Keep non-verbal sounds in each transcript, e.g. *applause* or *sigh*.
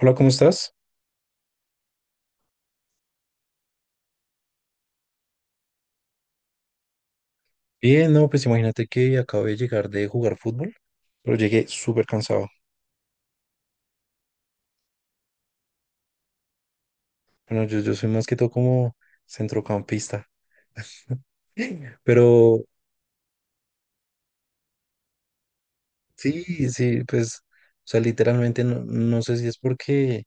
Hola, ¿cómo estás? Bien, no, pues imagínate que acabo de llegar de jugar fútbol, pero llegué súper cansado. Bueno, yo soy más que todo como centrocampista, pero sí, sí, pues, o sea, literalmente no sé si es porque,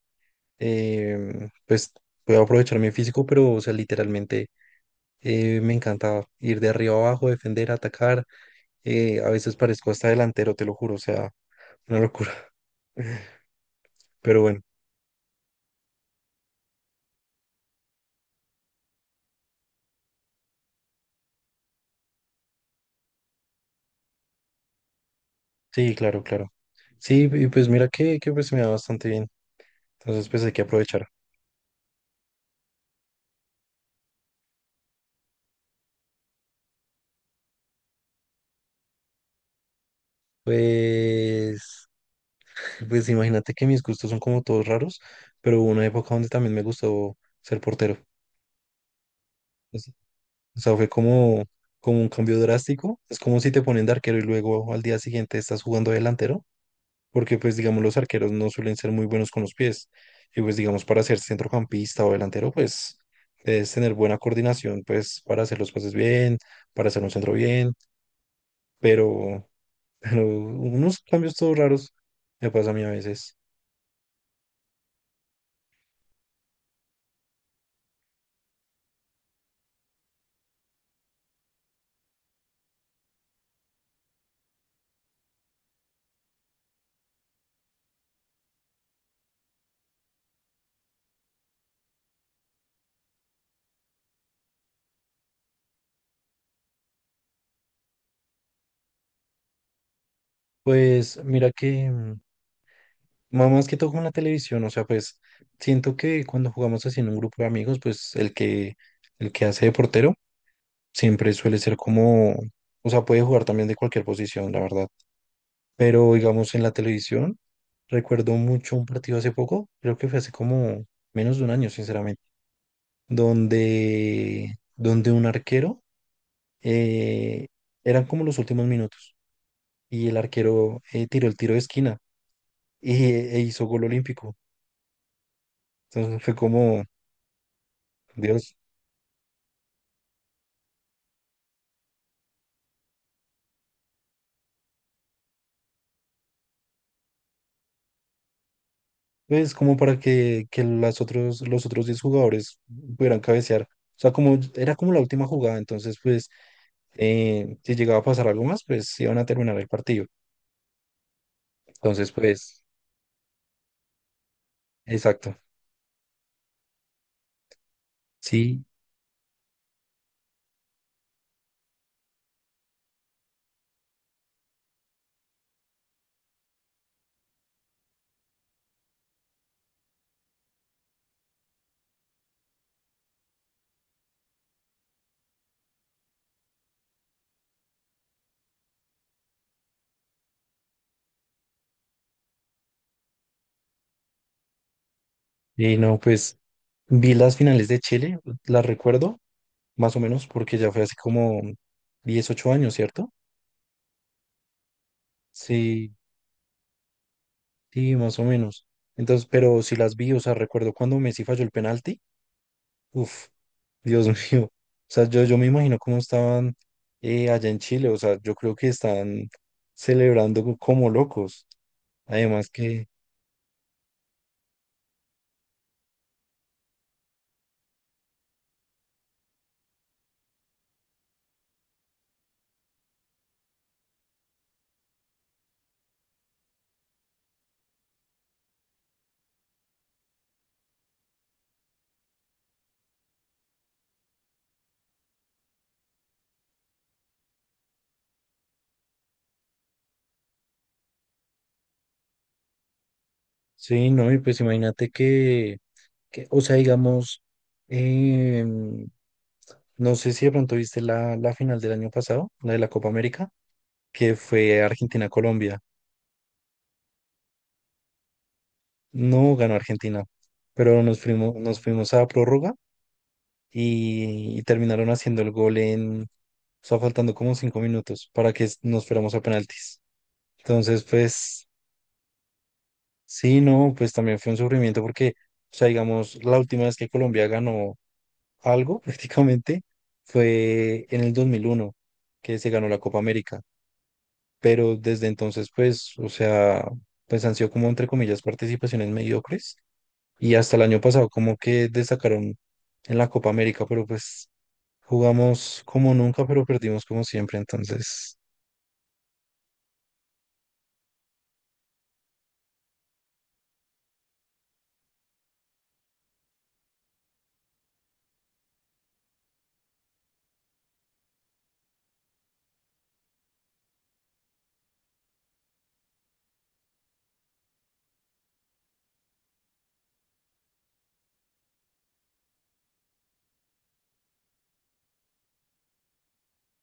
pues, voy a aprovechar mi físico, pero, o sea, literalmente me encanta ir de arriba abajo, defender, atacar. A veces parezco hasta delantero, te lo juro, o sea, una locura. *laughs* Pero bueno, sí, claro, claro. Sí, y pues mira que pues me da bastante bien. Entonces, pues hay que aprovechar. Pues, *laughs* pues imagínate que mis gustos son como todos raros, pero hubo una época donde también me gustó ser portero. Es- O sea, fue como, como un cambio drástico. Es como si te ponen de arquero y luego al día siguiente estás jugando delantero, porque pues digamos los arqueros no suelen ser muy buenos con los pies. Y pues digamos para ser centrocampista o delantero, pues debes tener buena coordinación, pues para hacer los pases bien, para hacer un centro bien, pero... pero unos cambios todos raros me pasa a mí a veces. Pues mira que, más que todo con la televisión, o sea, pues siento que cuando jugamos así en un grupo de amigos, pues el que hace de portero siempre suele ser como, o sea, puede jugar también de cualquier posición, la verdad. Pero digamos en la televisión, recuerdo mucho un partido hace poco, creo que fue hace como menos de un año, sinceramente, donde un arquero, eh, eran como los últimos minutos. Y el arquero tiró el tiro de esquina y, e hizo gol olímpico. Entonces fue como, Dios, pues como para que las otros, los otros 10 jugadores pudieran cabecear. O sea, como era como la última jugada, entonces pues si llegaba a pasar algo más, pues iban a terminar el partido. Entonces pues, exacto. Sí, y no, pues vi las finales de Chile, las recuerdo más o menos porque ya fue hace como 18 años, ¿cierto? Sí, sí, más o menos. Entonces, pero si las vi, o sea, recuerdo cuando Messi falló el penalti. Uf, Dios *laughs* mío. O sea, yo me imagino cómo estaban allá en Chile. O sea, yo creo que están celebrando como locos. Además que, sí, no, y pues imagínate o sea, digamos, em, no sé si de pronto viste la, la final del año pasado, la de la Copa América, que fue Argentina-Colombia. No ganó Argentina, pero nos fuimos a prórroga y terminaron haciendo el gol en, o sea, faltando como 5 minutos para que nos fuéramos a penaltis. Entonces, pues, sí, no, pues también fue un sufrimiento porque, o sea, digamos, la última vez que Colombia ganó algo *laughs* prácticamente fue en el 2001 que se ganó la Copa América. Pero desde entonces, pues, o sea, pues han sido como, entre comillas, participaciones mediocres. Y hasta el año pasado como que destacaron en la Copa América, pero pues jugamos como nunca, pero perdimos como siempre. Entonces,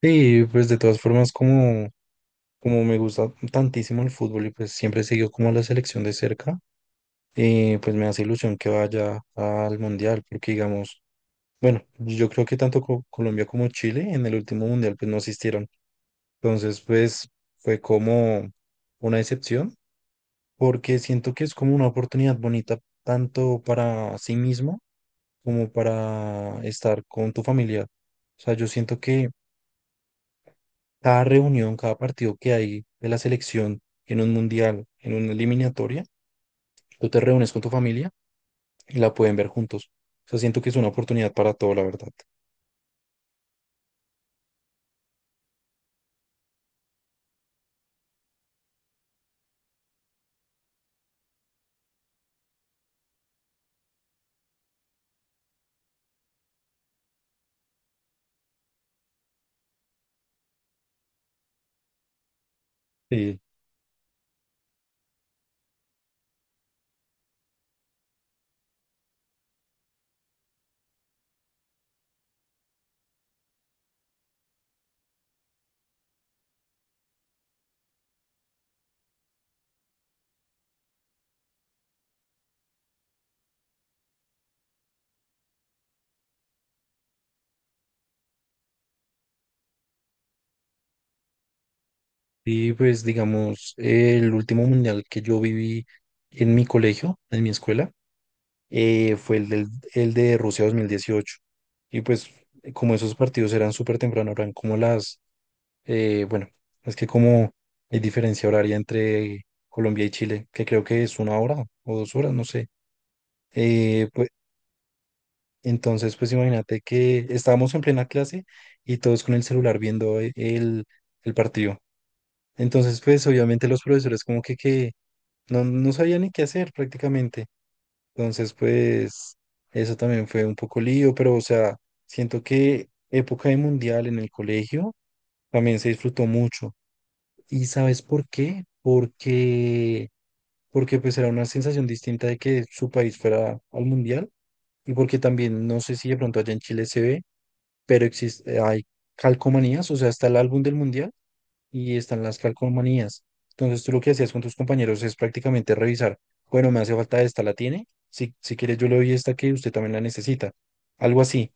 sí, pues de todas formas, como, como me gusta tantísimo el fútbol y pues siempre sigo como a la selección de cerca, pues me hace ilusión que vaya al mundial, porque digamos, bueno, yo creo que tanto Colombia como Chile en el último mundial pues no asistieron. Entonces, pues fue como una decepción porque siento que es como una oportunidad bonita tanto para sí mismo como para estar con tu familia. O sea, yo siento que cada reunión, cada partido que hay de la selección en un mundial, en una eliminatoria, tú te reúnes con tu familia y la pueden ver juntos. O sea, siento que es una oportunidad para todo, la verdad. Sí. Y pues, digamos, el último mundial que yo viví en mi colegio, en mi escuela, fue el, del, el de Rusia 2018. Y pues, como esos partidos eran súper temprano, eran como las eh, bueno, es que como hay diferencia horaria entre Colombia y Chile, que creo que es una hora o 2 horas, no sé. Pues, entonces, pues imagínate que estábamos en plena clase y todos con el celular viendo el partido. Entonces, pues obviamente los profesores como que no sabían ni qué hacer prácticamente. Entonces, pues eso también fue un poco lío, pero o sea, siento que época de mundial en el colegio también se disfrutó mucho. ¿Y sabes por qué? Porque pues era una sensación distinta de que su país fuera al mundial y porque también, no sé si de pronto allá en Chile se ve, pero existe, hay calcomanías, o sea, está el álbum del mundial y están las calcomanías. Entonces tú lo que hacías con tus compañeros es prácticamente revisar, bueno, me hace falta esta, ¿la tiene? Si, si quieres yo le doy esta que usted también la necesita. Algo así.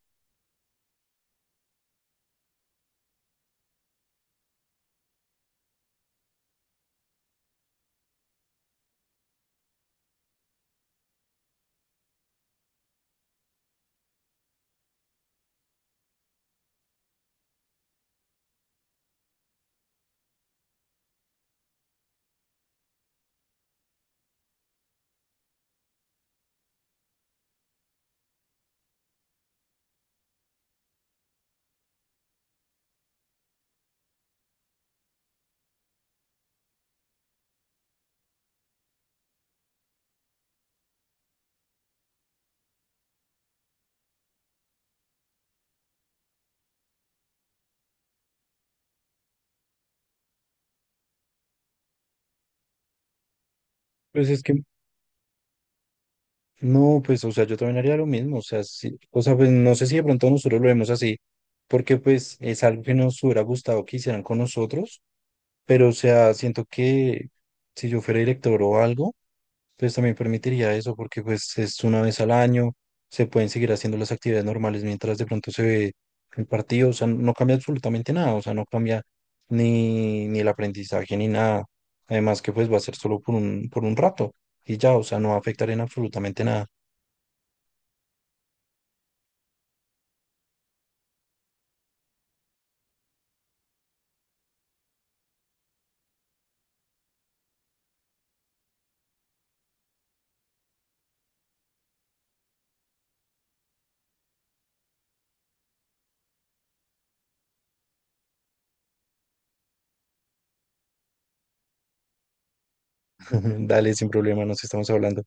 Pues es que no, pues, o sea, yo también haría lo mismo, o sea, sí, o sea, pues no sé si de pronto nosotros lo vemos así, porque pues es algo que nos hubiera gustado que hicieran con nosotros, pero o sea, siento que si yo fuera director o algo, pues también permitiría eso, porque pues es una vez al año, se pueden seguir haciendo las actividades normales mientras de pronto se ve el partido, o sea, no cambia absolutamente nada, o sea, no cambia ni el aprendizaje ni nada, además que pues va a ser solo por un rato y ya, o sea, no va a afectar en absolutamente nada. *laughs* Dale, sin problema, nos estamos hablando.